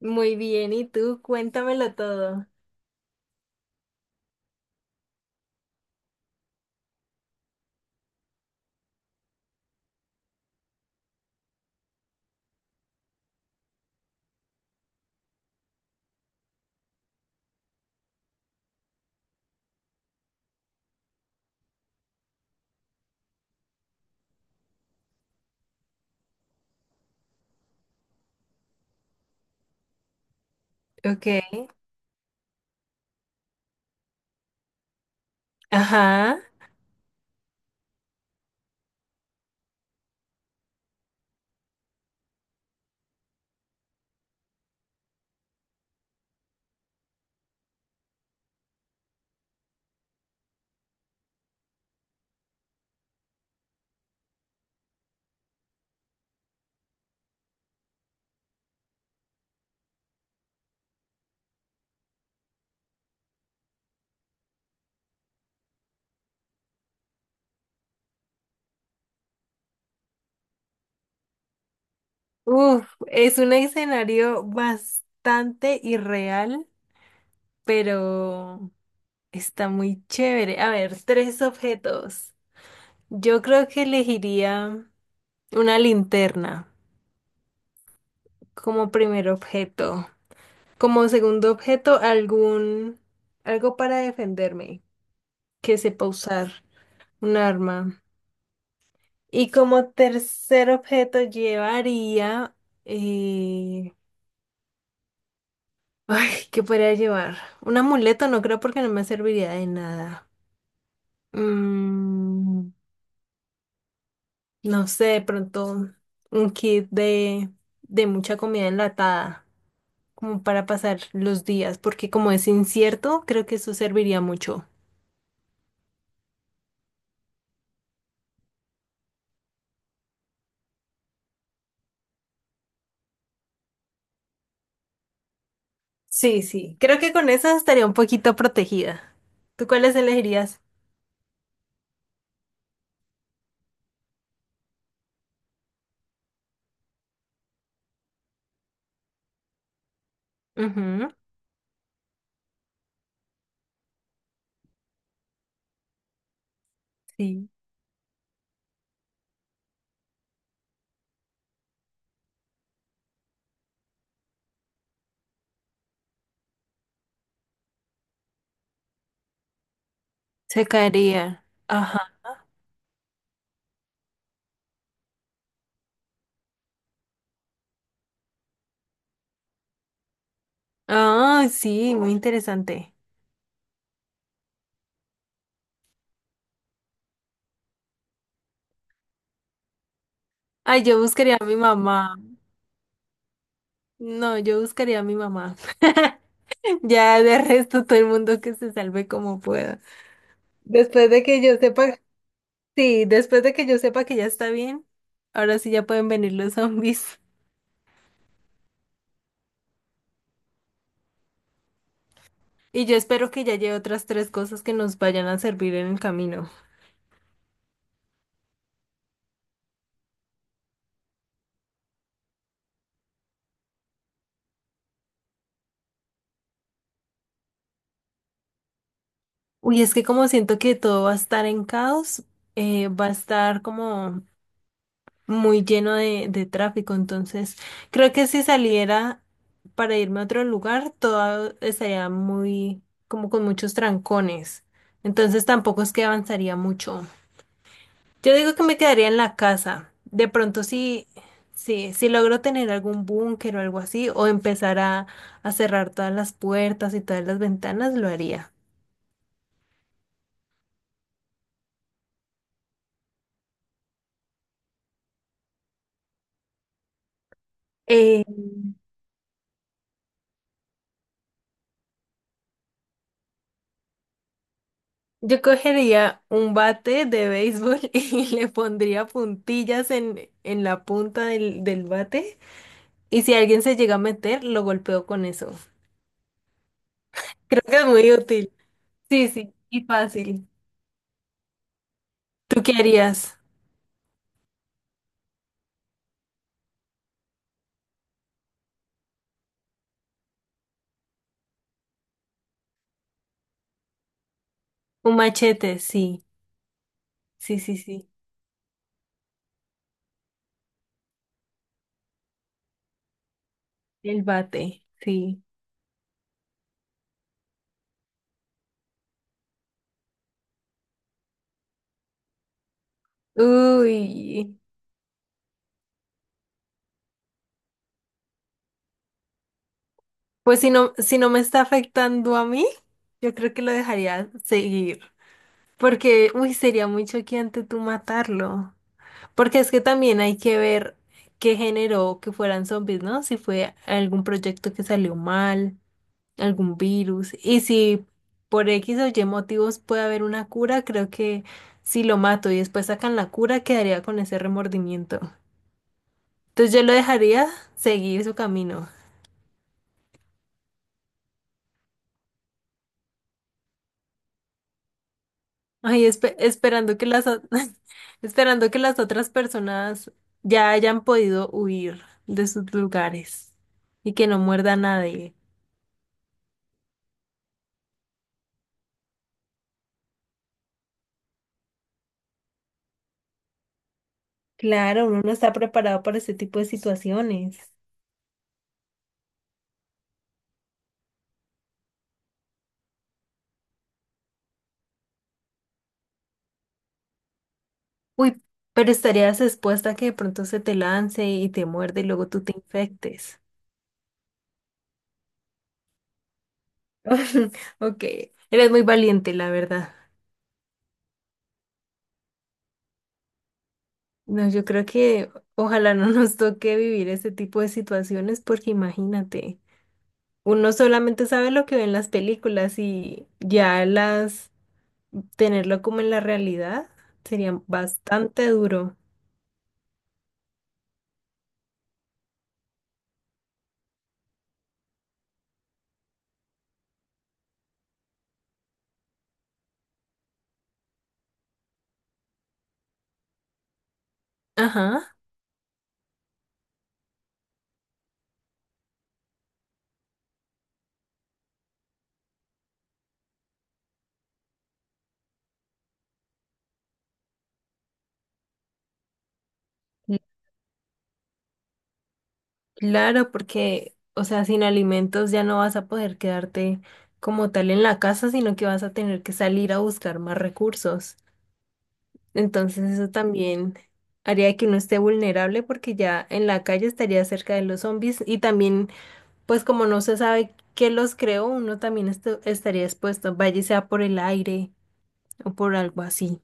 Muy bien, ¿y tú? Cuéntamelo todo. Ok. Ajá. Uf, es un escenario bastante irreal, pero está muy chévere. A ver, tres objetos. Yo creo que elegiría una linterna como primer objeto. Como segundo objeto, algún algo para defenderme, que sepa usar un arma. Y como tercer objeto llevaría... eh, Ay, ¿qué podría llevar? Un amuleto no creo porque no me serviría de nada. Mm, no sé, de pronto un kit de mucha comida enlatada, como para pasar los días, porque como es incierto, creo que eso serviría mucho. Sí, sí, creo que con eso estaría un poquito protegida. ¿Tú cuáles elegirías? Ujú, sí. Se caería. Ajá. Ah, sí, muy interesante. Ay, yo buscaría a mi mamá. No, yo buscaría a mi mamá. Ya de resto todo el mundo que se salve como pueda. Después de que yo sepa, sí, después de que yo sepa que ya está bien, ahora sí ya pueden venir los zombies. Y yo espero que ya lleve otras tres cosas que nos vayan a servir en el camino. Uy, es que como siento que todo va a estar en caos, va a estar como muy lleno de tráfico, entonces creo que si saliera para irme a otro lugar, todo estaría muy, como con muchos trancones, entonces tampoco es que avanzaría mucho. Yo digo que me quedaría en la casa, de pronto si si logro tener algún búnker o algo así, o empezar a cerrar todas las puertas y todas las ventanas, lo haría. Eh, Yo cogería un bate de béisbol y le pondría puntillas en la punta del bate. Y si alguien se llega a meter, lo golpeo con eso. Creo que es muy útil. Sí, sí, y fácil. ¿Tú qué harías? Un machete, sí. Sí, sí, sí. El bate, sí. Uy. Pues si no, si no me está afectando a mí, yo creo que lo dejaría seguir. Porque, uy, sería muy choqueante tú matarlo. Porque es que también hay que ver qué generó que fueran zombies, ¿no? Si fue algún proyecto que salió mal, algún virus. Y si por X o Y motivos puede haber una cura, creo que si lo mato y después sacan la cura, quedaría con ese remordimiento. Entonces yo lo dejaría seguir su camino. Ay, esperando que las esperando que las otras personas ya hayan podido huir de sus lugares y que no muerda a nadie. Claro, uno no está preparado para ese tipo de situaciones. Uy, pero estarías expuesta a que de pronto se te lance y te muerde y luego tú te infectes. Ok, eres muy valiente, la verdad. No, yo creo que ojalá no nos toque vivir ese tipo de situaciones porque imagínate, uno solamente sabe lo que ve en las películas y ya las tenerlo como en la realidad sería bastante duro. Ajá. Claro, porque, o sea, sin alimentos ya no vas a poder quedarte como tal en la casa, sino que vas a tener que salir a buscar más recursos. Entonces eso también haría que uno esté vulnerable porque ya en la calle estaría cerca de los zombies y también, pues como no se sabe qué los creó, uno también estaría expuesto, vaya y sea por el aire o por algo así.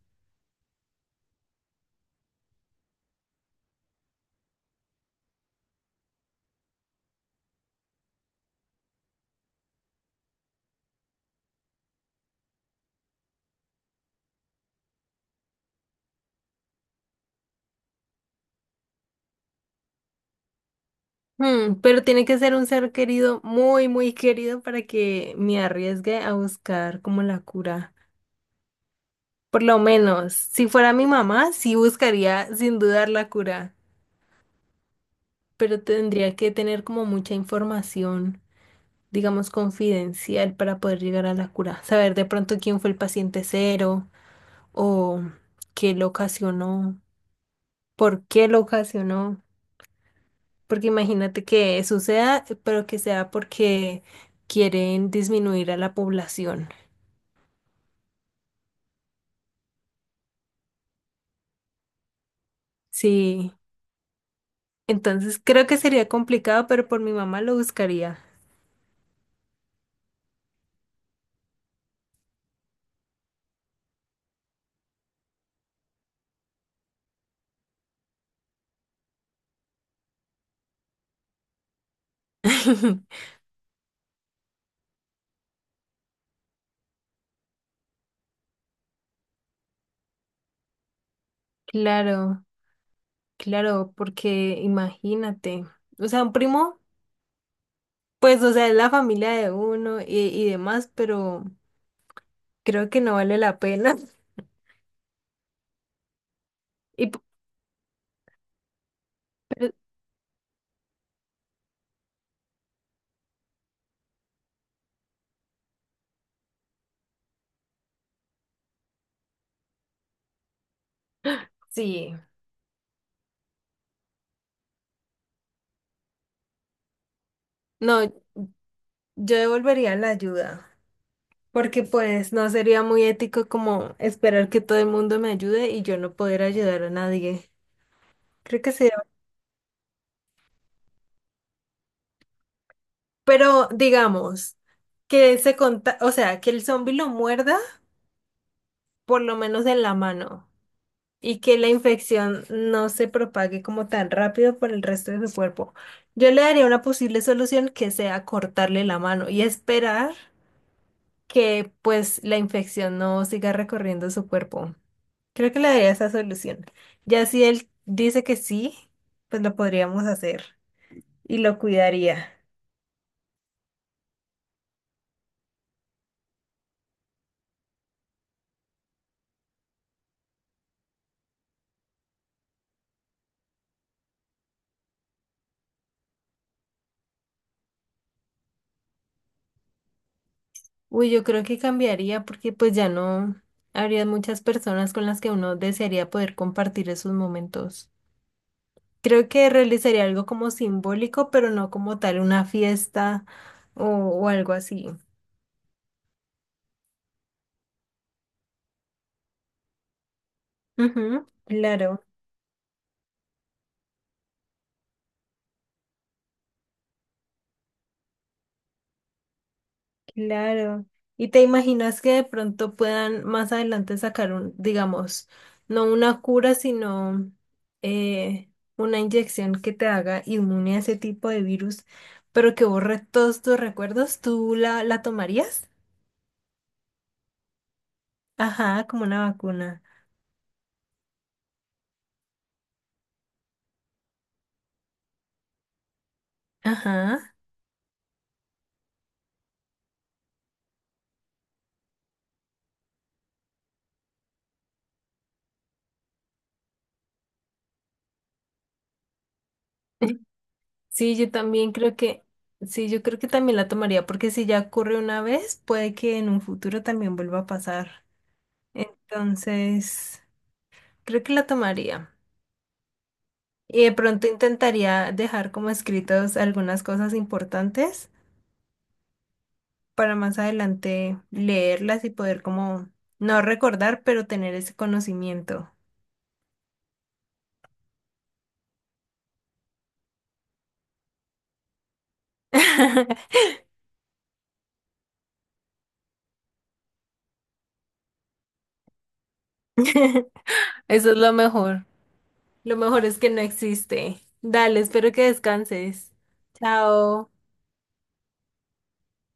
Hmm, pero tiene que ser un ser querido, muy, muy querido para que me arriesgue a buscar como la cura. Por lo menos, si fuera mi mamá, sí buscaría sin dudar la cura, pero tendría que tener como mucha información, digamos, confidencial para poder llegar a la cura. Saber de pronto quién fue el paciente cero o qué lo ocasionó, por qué lo ocasionó. Porque imagínate que suceda, pero que sea porque quieren disminuir a la población. Sí, entonces creo que sería complicado, pero por mi mamá lo buscaría. Claro. Claro, porque imagínate, o sea, un primo, pues, o sea, es la familia de uno y demás, pero creo que no vale la pena. Y p- pero sí, no, yo devolvería la ayuda, porque pues no sería muy ético como esperar que todo el mundo me ayude y yo no poder ayudar a nadie. Creo que sería, pero digamos que o sea, que el zombi lo muerda por lo menos en la mano. Y que la infección no se propague como tan rápido por el resto de su cuerpo. Yo le daría una posible solución que sea cortarle la mano y esperar que pues la infección no siga recorriendo su cuerpo. Creo que le daría esa solución. Ya si él dice que sí, pues lo podríamos hacer y lo cuidaría. Uy, yo creo que cambiaría porque pues ya no habría muchas personas con las que uno desearía poder compartir esos momentos. Creo que realizaría algo como simbólico, pero no como tal una fiesta o algo así. Ujú, claro, claro. ¿Y te imaginas que de pronto puedan más adelante sacar un, digamos, no una cura, sino eh, una inyección que te haga inmune a ese tipo de virus, pero que borre todos tus recuerdos? ¿Tú la tomarías? Ajá, como una vacuna. Ajá. Sí, yo también creo que, sí, yo creo que también la tomaría, porque si ya ocurre una vez, puede que en un futuro también vuelva a pasar. Entonces, creo que la tomaría. Y de pronto intentaría dejar como escritos algunas cosas importantes para más adelante leerlas y poder como no recordar, pero tener ese conocimiento. Eso es lo mejor. Lo mejor es que no existe. Dale, espero que descanses. Chao.